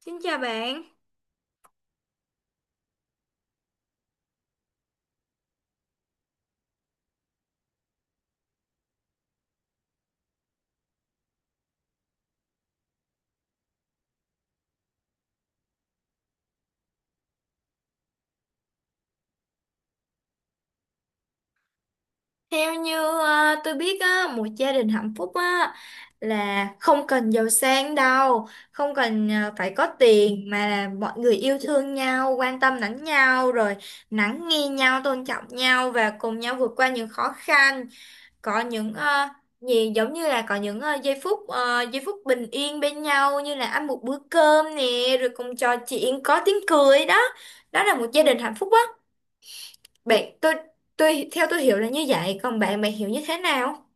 Xin chào bạn. Theo như tôi biết á, một gia đình hạnh phúc á là không cần giàu sang đâu, không cần phải có tiền mà là mọi người yêu thương nhau, quan tâm lẫn nhau rồi lắng nghe nhau, tôn trọng nhau và cùng nhau vượt qua những khó khăn, có những ờ, gì giống như là có những giây phút giây phút bình yên bên nhau như là ăn một bữa cơm nè, rồi cùng trò chuyện có tiếng cười đó. Đó là một gia đình hạnh phúc á. Bạn tôi theo tôi hiểu là như vậy, còn bạn bạn hiểu như thế nào?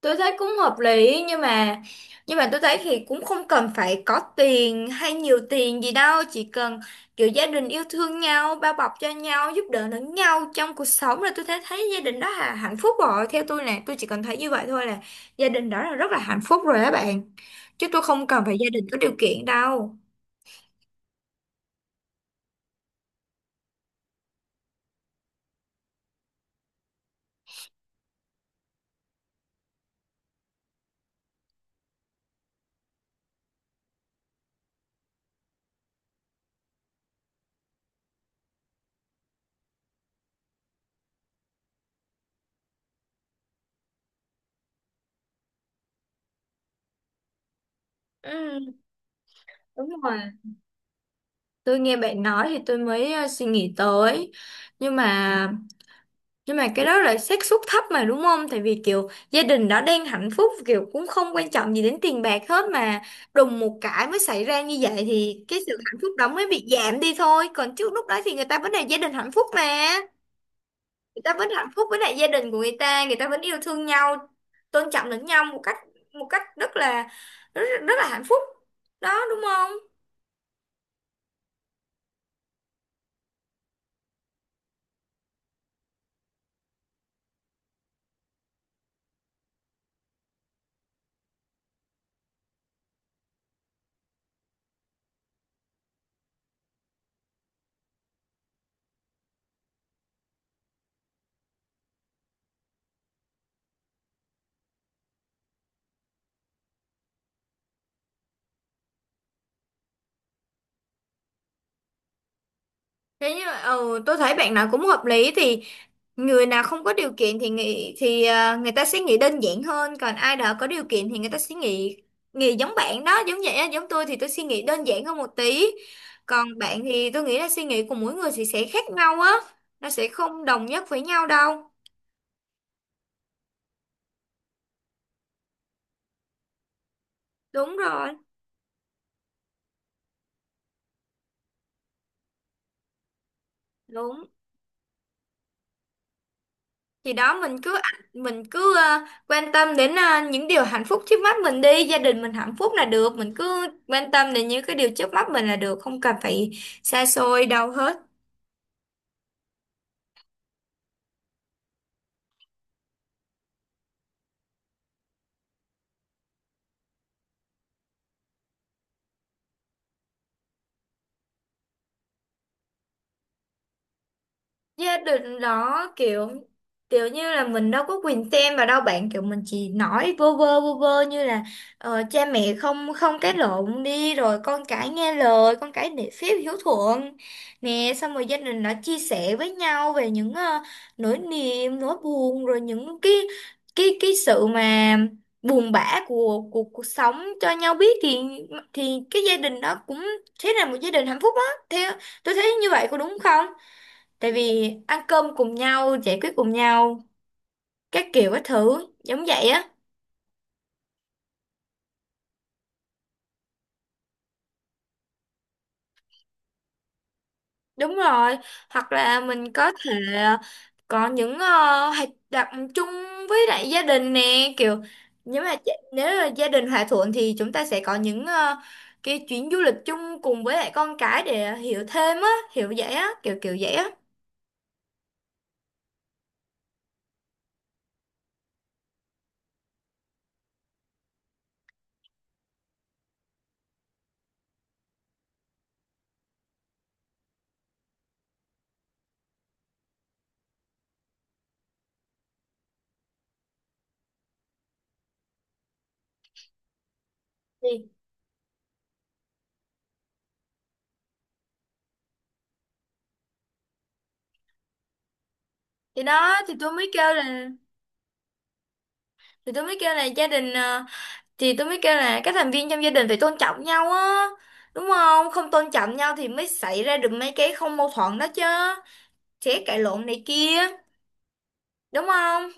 Tôi thấy cũng hợp lý, nhưng mà tôi thấy thì cũng không cần phải có tiền hay nhiều tiền gì đâu, chỉ cần kiểu gia đình yêu thương nhau, bao bọc cho nhau, giúp đỡ lẫn nhau trong cuộc sống là tôi thấy thấy gia đình đó là hạnh phúc rồi. Theo tôi là tôi chỉ cần thấy như vậy thôi là gia đình đó là rất là hạnh phúc rồi á bạn, chứ tôi không cần phải gia đình có điều kiện đâu. Ừ, đúng rồi. Tôi nghe bạn nói thì tôi mới suy nghĩ tới. Nhưng mà nhưng mà cái đó là xác suất thấp mà đúng không? Tại vì kiểu gia đình đã đang hạnh phúc, kiểu cũng không quan trọng gì đến tiền bạc hết, mà đùng một cái mới xảy ra như vậy thì cái sự hạnh phúc đó mới bị giảm đi thôi. Còn trước lúc đó thì người ta vẫn là gia đình hạnh phúc mà. Người ta vẫn hạnh phúc với lại gia đình của người ta vẫn yêu thương nhau, tôn trọng lẫn nhau một cách rất là rất, rất là hạnh phúc. Đó, đúng không? Thế như mà ừ, tôi thấy bạn nào cũng hợp lý thì người nào không có điều kiện thì nghĩ thì à, người ta sẽ nghĩ đơn giản hơn, còn ai đó có điều kiện thì người ta sẽ nghĩ nghĩ giống bạn đó, giống vậy á, giống tôi thì tôi suy nghĩ đơn giản hơn một tí. Còn bạn thì tôi nghĩ là suy nghĩ của mỗi người thì sẽ khác nhau á, nó sẽ không đồng nhất với nhau đâu. Đúng rồi. Đúng. Thì đó, mình cứ quan tâm đến những điều hạnh phúc trước mắt mình đi, gia đình mình hạnh phúc là được, mình cứ quan tâm đến những cái điều trước mắt mình là được, không cần phải xa xôi đâu hết. Gia đình đó kiểu, kiểu như là mình đâu có quyền xem vào đâu bạn, kiểu mình chỉ nói vô vơ như là cha mẹ không không cãi lộn đi, rồi con cái nghe lời, con cái nể phép hiếu thuận nè, xong rồi gia đình đã chia sẻ với nhau về những nỗi niềm nỗi buồn, rồi những cái sự mà buồn bã của cuộc sống cho nhau biết thì cái gia đình đó cũng thế là một gia đình hạnh phúc á. Theo tôi thấy như vậy có đúng không? Tại vì ăn cơm cùng nhau, giải quyết cùng nhau các kiểu các thứ giống vậy á. Đúng rồi. Hoặc là mình có thể có những hoạt động chung với lại gia đình nè, kiểu nếu mà nếu là gia đình hòa thuận thì chúng ta sẽ có những cái chuyến du lịch chung cùng với lại con cái để hiểu thêm á, hiểu vậy á, kiểu kiểu vậy á. Thì đó thì tôi mới kêu là, thì tôi mới kêu là gia đình thì tôi mới kêu là các thành viên trong gia đình phải tôn trọng nhau á, đúng không? Không tôn trọng nhau thì mới xảy ra được mấy cái không mâu thuẫn đó chứ, sẽ cãi lộn này kia, đúng không?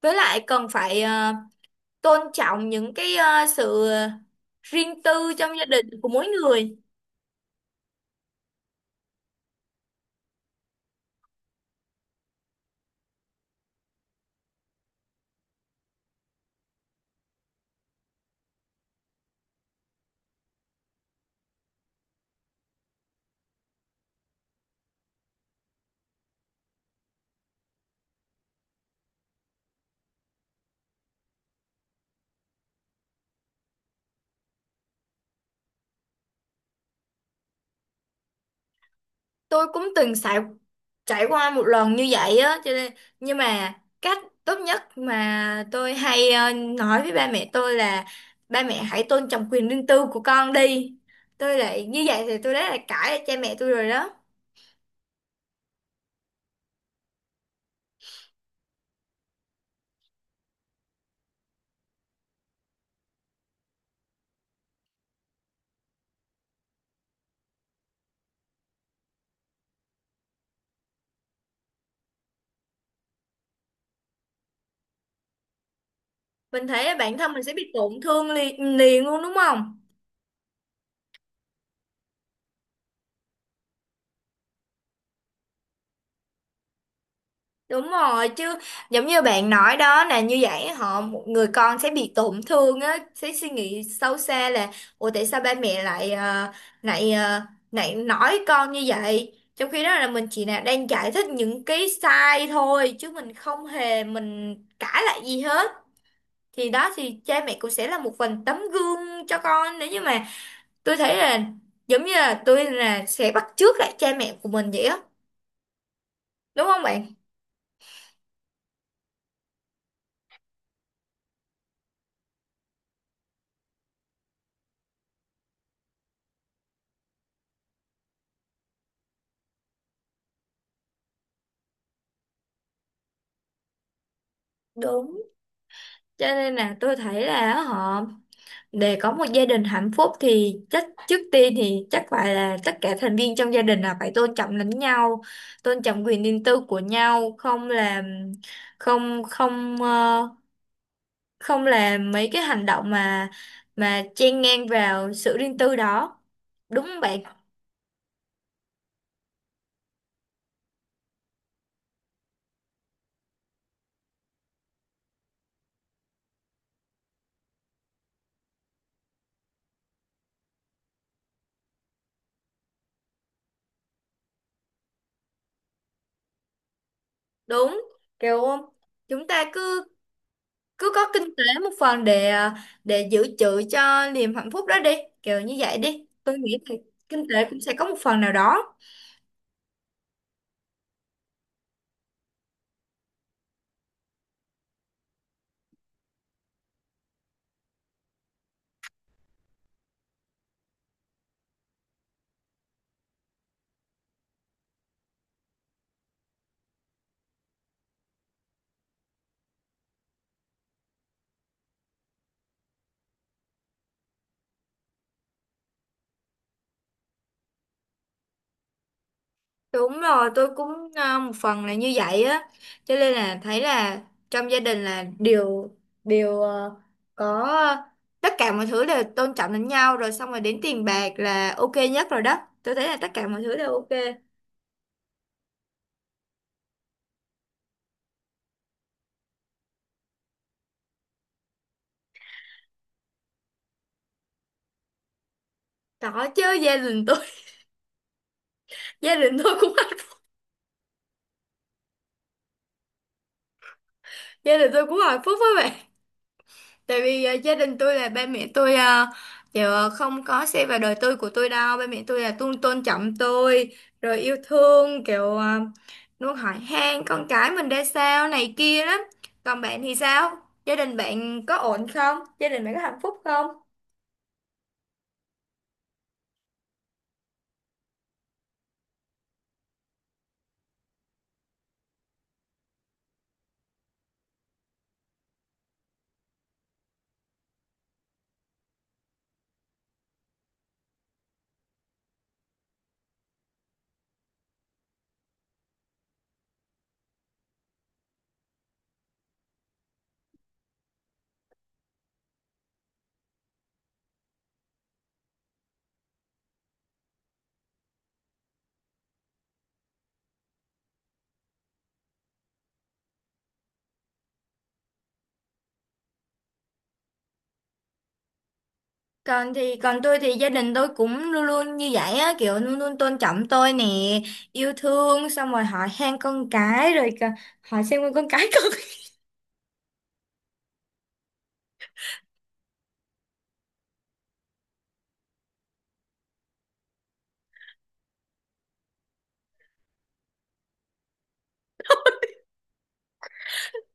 Với lại cần phải tôn trọng những cái sự riêng tư trong gia đình của mỗi người. Tôi cũng từng trải trải qua một lần như vậy á, cho nên nhưng mà cách tốt nhất mà tôi hay nói với ba mẹ tôi là ba mẹ hãy tôn trọng quyền riêng tư của con đi. Tôi lại như vậy thì tôi đã là cãi cha mẹ tôi rồi đó. Mình thấy bản thân mình sẽ bị tổn thương liền, liền luôn đúng không? Đúng rồi chứ, giống như bạn nói đó, là như vậy họ một người con sẽ bị tổn thương á, sẽ suy nghĩ sâu xa là ủa tại sao ba mẹ lại ờ, lại nói con như vậy, trong khi đó là mình chỉ là đang giải thích những cái sai thôi, chứ mình không hề mình cãi lại gì hết. Thì đó thì cha mẹ cũng sẽ là một phần tấm gương cho con. Nếu như mà tôi thấy là giống như là tôi là sẽ bắt chước lại cha mẹ của mình vậy á, đúng không bạn? Đúng. Cho nên là tôi thấy là họ, để có một gia đình hạnh phúc thì chắc trước tiên thì chắc phải là tất cả thành viên trong gia đình là phải tôn trọng lẫn nhau, tôn trọng quyền riêng tư của nhau, không làm không không ờ, không làm mấy cái hành động mà chen ngang vào sự riêng tư đó. Đúng không bạn? Đúng. Kiểu chúng ta cứ cứ có kinh tế một phần để để dự trữ cho niềm hạnh phúc đó đi, kiểu như vậy đi, tôi nghĩ thì kinh tế cũng sẽ có một phần nào đó. Đúng rồi, tôi cũng một phần là như vậy á, cho nên là thấy là trong gia đình là đều đều à, có à, tất cả mọi thứ đều tôn trọng lẫn nhau rồi, xong rồi đến tiền bạc là ok nhất rồi đó, tôi thấy là tất cả mọi thứ đều ok. Có chứ, gia đình tôi gia đình tôi gia đình tôi cũng hạnh phúc với bạn. Tại vì gia đình tôi là ba mẹ tôi kiểu không có xe vào đời tôi của tôi đâu. Ba mẹ tôi là tôn tôn trọng tôi, rồi yêu thương kiểu luôn hỏi han con cái mình ra sao này kia lắm. Còn bạn thì sao? Gia đình bạn có ổn không? Gia đình bạn có hạnh phúc không? Còn tôi thì gia đình tôi cũng luôn luôn như vậy á, kiểu luôn luôn tôn trọng tôi nè, yêu thương xong rồi hỏi han con cái rồi hỏi xem con cái con.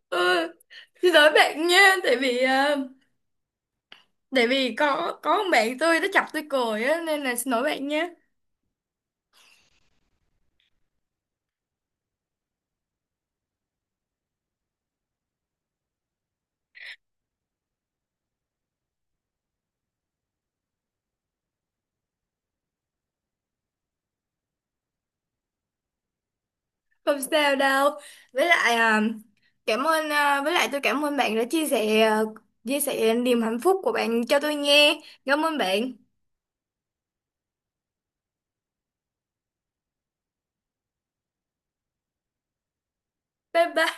Ừ, xin lỗi bạn nha, tại vì tại vì có một bạn tôi nó chọc tôi cười á nên là xin lỗi bạn nhé. Không sao đâu. Với lại với lại tôi cảm ơn bạn đã chia sẻ chia sẻ niềm hạnh phúc của bạn cho tôi nghe. Cảm ơn bạn. Bye bye.